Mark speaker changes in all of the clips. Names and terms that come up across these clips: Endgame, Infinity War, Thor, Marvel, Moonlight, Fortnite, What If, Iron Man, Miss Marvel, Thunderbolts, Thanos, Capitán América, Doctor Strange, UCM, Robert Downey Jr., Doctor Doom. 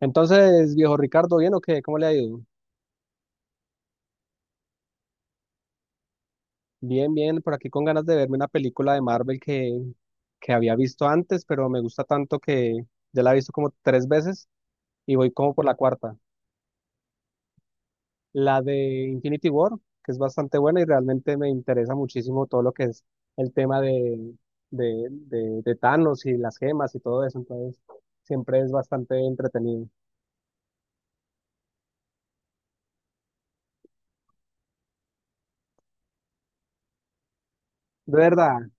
Speaker 1: Entonces, viejo Ricardo, ¿bien o qué? ¿Cómo le ha ido? Bien, bien, por aquí con ganas de verme una película de Marvel que había visto antes, pero me gusta tanto que ya la he visto como tres veces y voy como por la cuarta. La de Infinity War, que es bastante buena y realmente me interesa muchísimo todo lo que es el tema de Thanos y las gemas y todo eso, entonces siempre es bastante entretenido. ¿De verdad?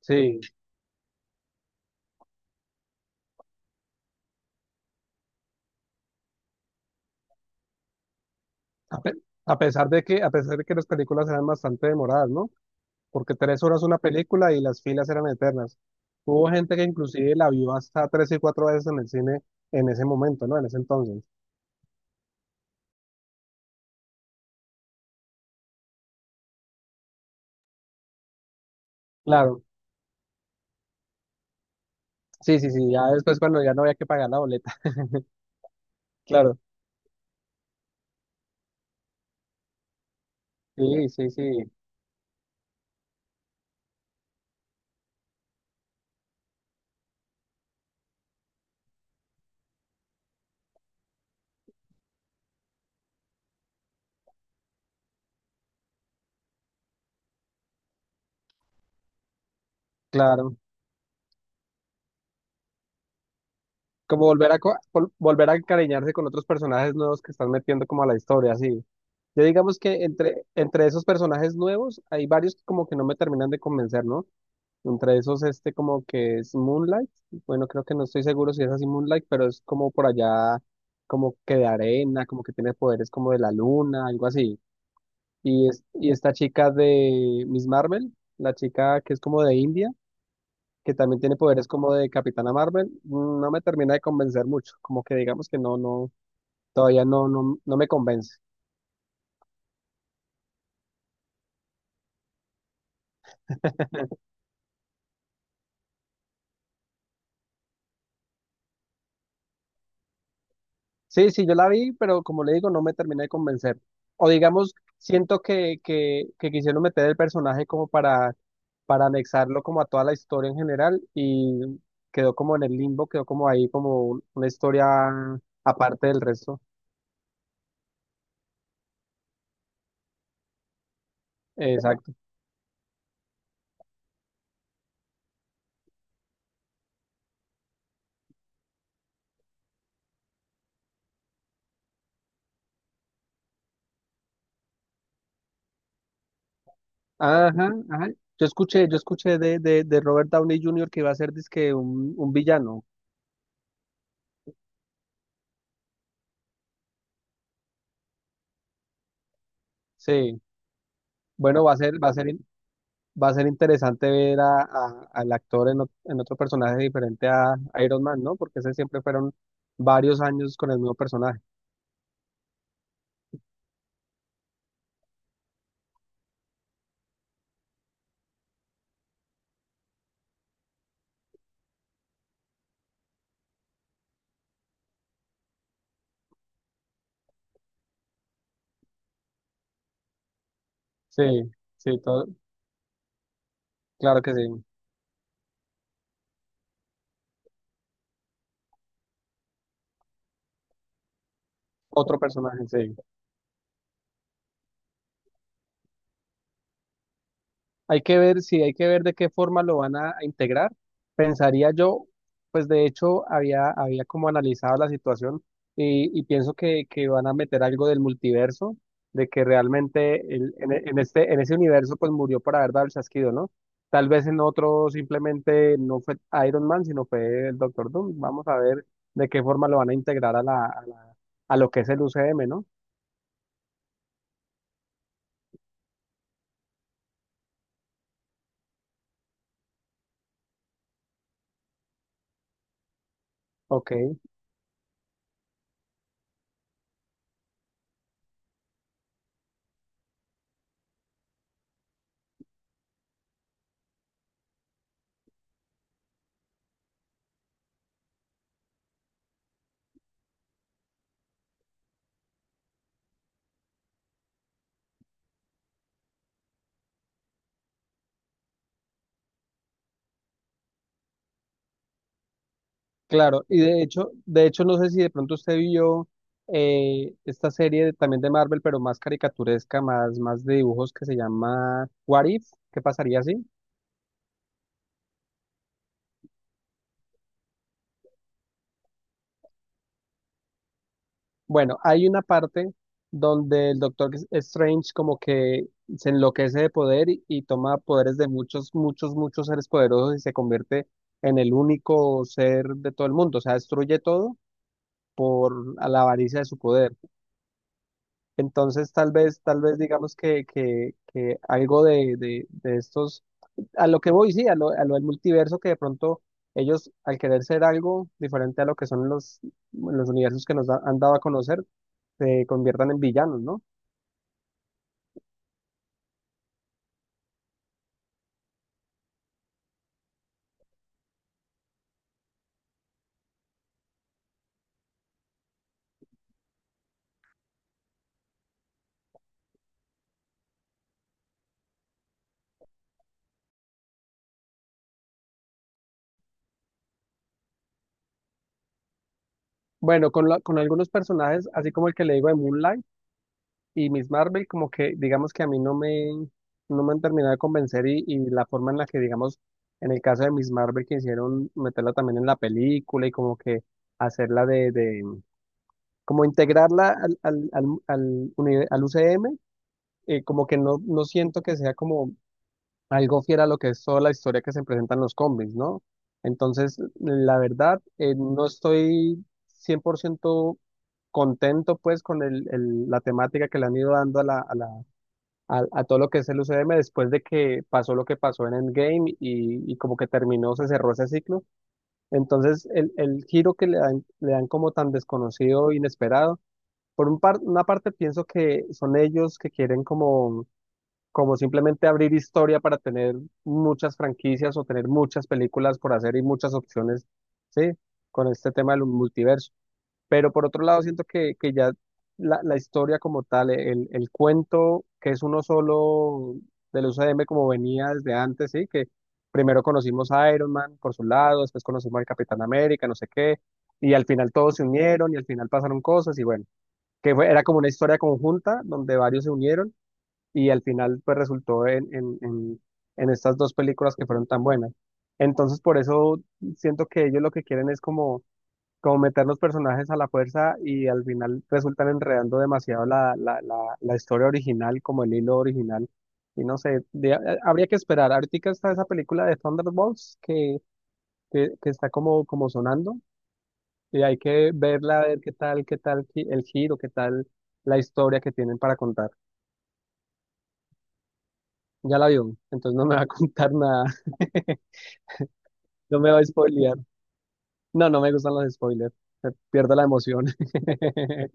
Speaker 1: Sí. A, pe- a pesar de que las películas eran bastante demoradas, ¿no? Porque tres horas una película y las filas eran eternas. Hubo gente que inclusive la vio hasta tres y cuatro veces en el cine en ese momento, ¿no? En ese entonces. Claro, sí, sí, sí, ya después cuando ya no había que pagar la boleta. Claro. Sí, sí, sí, claro. Como volver a, volver a encariñarse con otros personajes nuevos que están metiendo como a la historia, sí. Yo digamos que entre esos personajes nuevos hay varios que como que no me terminan de convencer, ¿no? Entre esos, este como que es Moonlight. Bueno, creo que no estoy seguro si es así Moonlight, pero es como por allá, como que de arena, como que tiene poderes como de la luna, algo así. Y esta chica de Miss Marvel, la chica que es como de India, que también tiene poderes como de Capitana Marvel, no me termina de convencer mucho. Como que digamos que no, no, todavía no, no, no me convence. Sí, sí, yo la vi, pero como le digo, no me terminé de convencer. O digamos, siento que quisieron meter el personaje como para anexarlo como a toda la historia en general y quedó como en el limbo, quedó como ahí como una historia aparte del resto. Exacto. Ajá, ajá. Yo escuché de Robert Downey Jr. que iba a ser dizque un villano. Sí. Bueno, va a ser, va a ser, va a ser interesante ver a, al actor en, en otro personaje diferente a Iron Man, ¿no? Porque ese siempre fueron varios años con el mismo personaje. Sí, sí, todo, claro que sí. Otro personaje, sí. Hay que ver, si hay que ver de qué forma lo van a integrar. Pensaría yo, pues de hecho había, había como analizado la situación y pienso que van a meter algo del multiverso, de que realmente en este, en ese universo pues murió por haber dado el chasquido, ¿no? Tal vez en otro simplemente no fue Iron Man, sino fue el Doctor Doom. Vamos a ver de qué forma lo van a integrar a la, a lo que es el UCM, ¿no? Ok. Claro, y de hecho no sé si de pronto usted vio esta serie también de Marvel, pero más caricaturesca, más, más de dibujos que se llama What If, ¿qué pasaría así? Bueno, hay una parte donde el Doctor Strange como que se enloquece de poder y toma poderes de muchos, muchos, muchos seres poderosos y se convierte en el único ser de todo el mundo, o sea, destruye todo por a la avaricia de su poder. Entonces, tal vez digamos que algo de estos, a lo que voy, sí, a lo del multiverso, que de pronto ellos, al querer ser algo diferente a lo que son los universos que han dado a conocer, se conviertan en villanos, ¿no? Bueno, con algunos personajes, así como el que le digo de Moonlight y Miss Marvel, como que digamos que a mí no me, no me han terminado de convencer y la forma en la que, digamos, en el caso de Miss Marvel, que hicieron meterla también en la película y como que hacerla de como integrarla al al UCM, como que no, no siento que sea como algo fiel a lo que es toda la historia que se presenta en los cómics, ¿no? Entonces, la verdad, no estoy 100% contento pues con el, la temática que le han ido dando a, la, a, a todo lo que es el UCM después de que pasó lo que pasó en Endgame y como que terminó, se cerró ese ciclo. Entonces, el giro que le dan como tan desconocido, inesperado, por un una parte pienso que son ellos que quieren como, como simplemente abrir historia para tener muchas franquicias o tener muchas películas por hacer y muchas opciones, ¿sí? Con este tema del multiverso. Pero por otro lado siento que ya la historia como tal, el cuento que es uno solo del UCM como venía desde antes, ¿sí? Que primero conocimos a Iron Man por su lado, después conocimos al Capitán América, no sé qué, y al final todos se unieron y al final pasaron cosas y bueno que era como una historia conjunta donde varios se unieron y al final pues resultó en estas dos películas que fueron tan buenas. Entonces por eso siento que ellos lo que quieren es como, como meter los personajes a la fuerza y al final resultan enredando demasiado la, la, la, la historia original, como el hilo original. Y no sé, habría que esperar. Ahorita está esa película de Thunderbolts que está como, como sonando. Y hay que verla, a ver qué tal el giro, qué tal la historia que tienen para contar. Ya la vio, entonces no me va a contar nada. No me va a spoilear. No, no me gustan los spoilers. Me pierdo la emoción.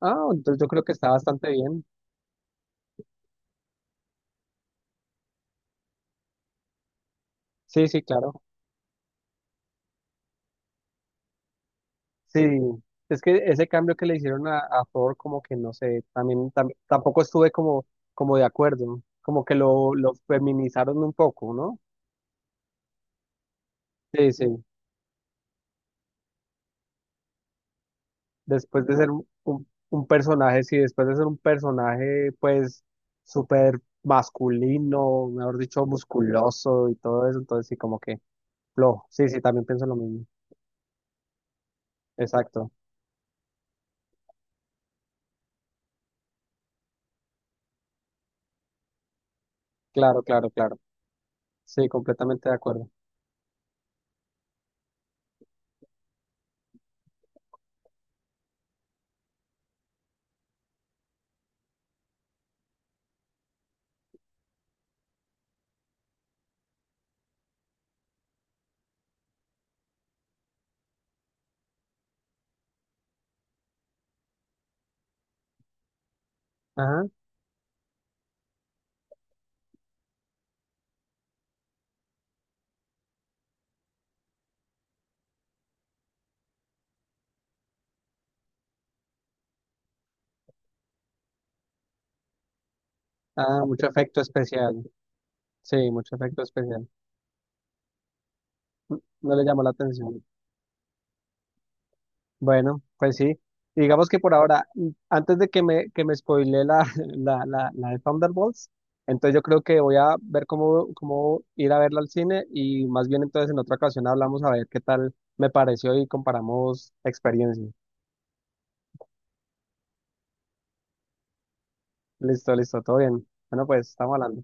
Speaker 1: Ah, entonces yo creo que está bastante bien. Sí, sí, claro. Sí. Es que ese cambio que le hicieron a Thor, como que no sé, también tampoco estuve como, como de acuerdo. Como que lo feminizaron un poco, ¿no? Sí, sí. Después de ser un, un personaje, sí, después de ser un personaje, pues, súper masculino, mejor dicho, musculoso y todo eso, entonces sí, como que flojo. Sí, sí, también pienso lo mismo. Exacto. Claro, claro, claro. Sí, completamente de acuerdo. Ajá. Ah, mucho efecto especial. Sí, mucho efecto especial. Mm, no le llamó la atención. Bueno, pues sí. Digamos que por ahora, mm, antes de que me spoile la, la de Thunderbolts, entonces yo creo que voy a ver cómo, cómo ir a verla al cine y más bien entonces en otra ocasión hablamos a ver qué tal me pareció y comparamos experiencias. Listo, listo, todo bien. Bueno, pues estamos hablando.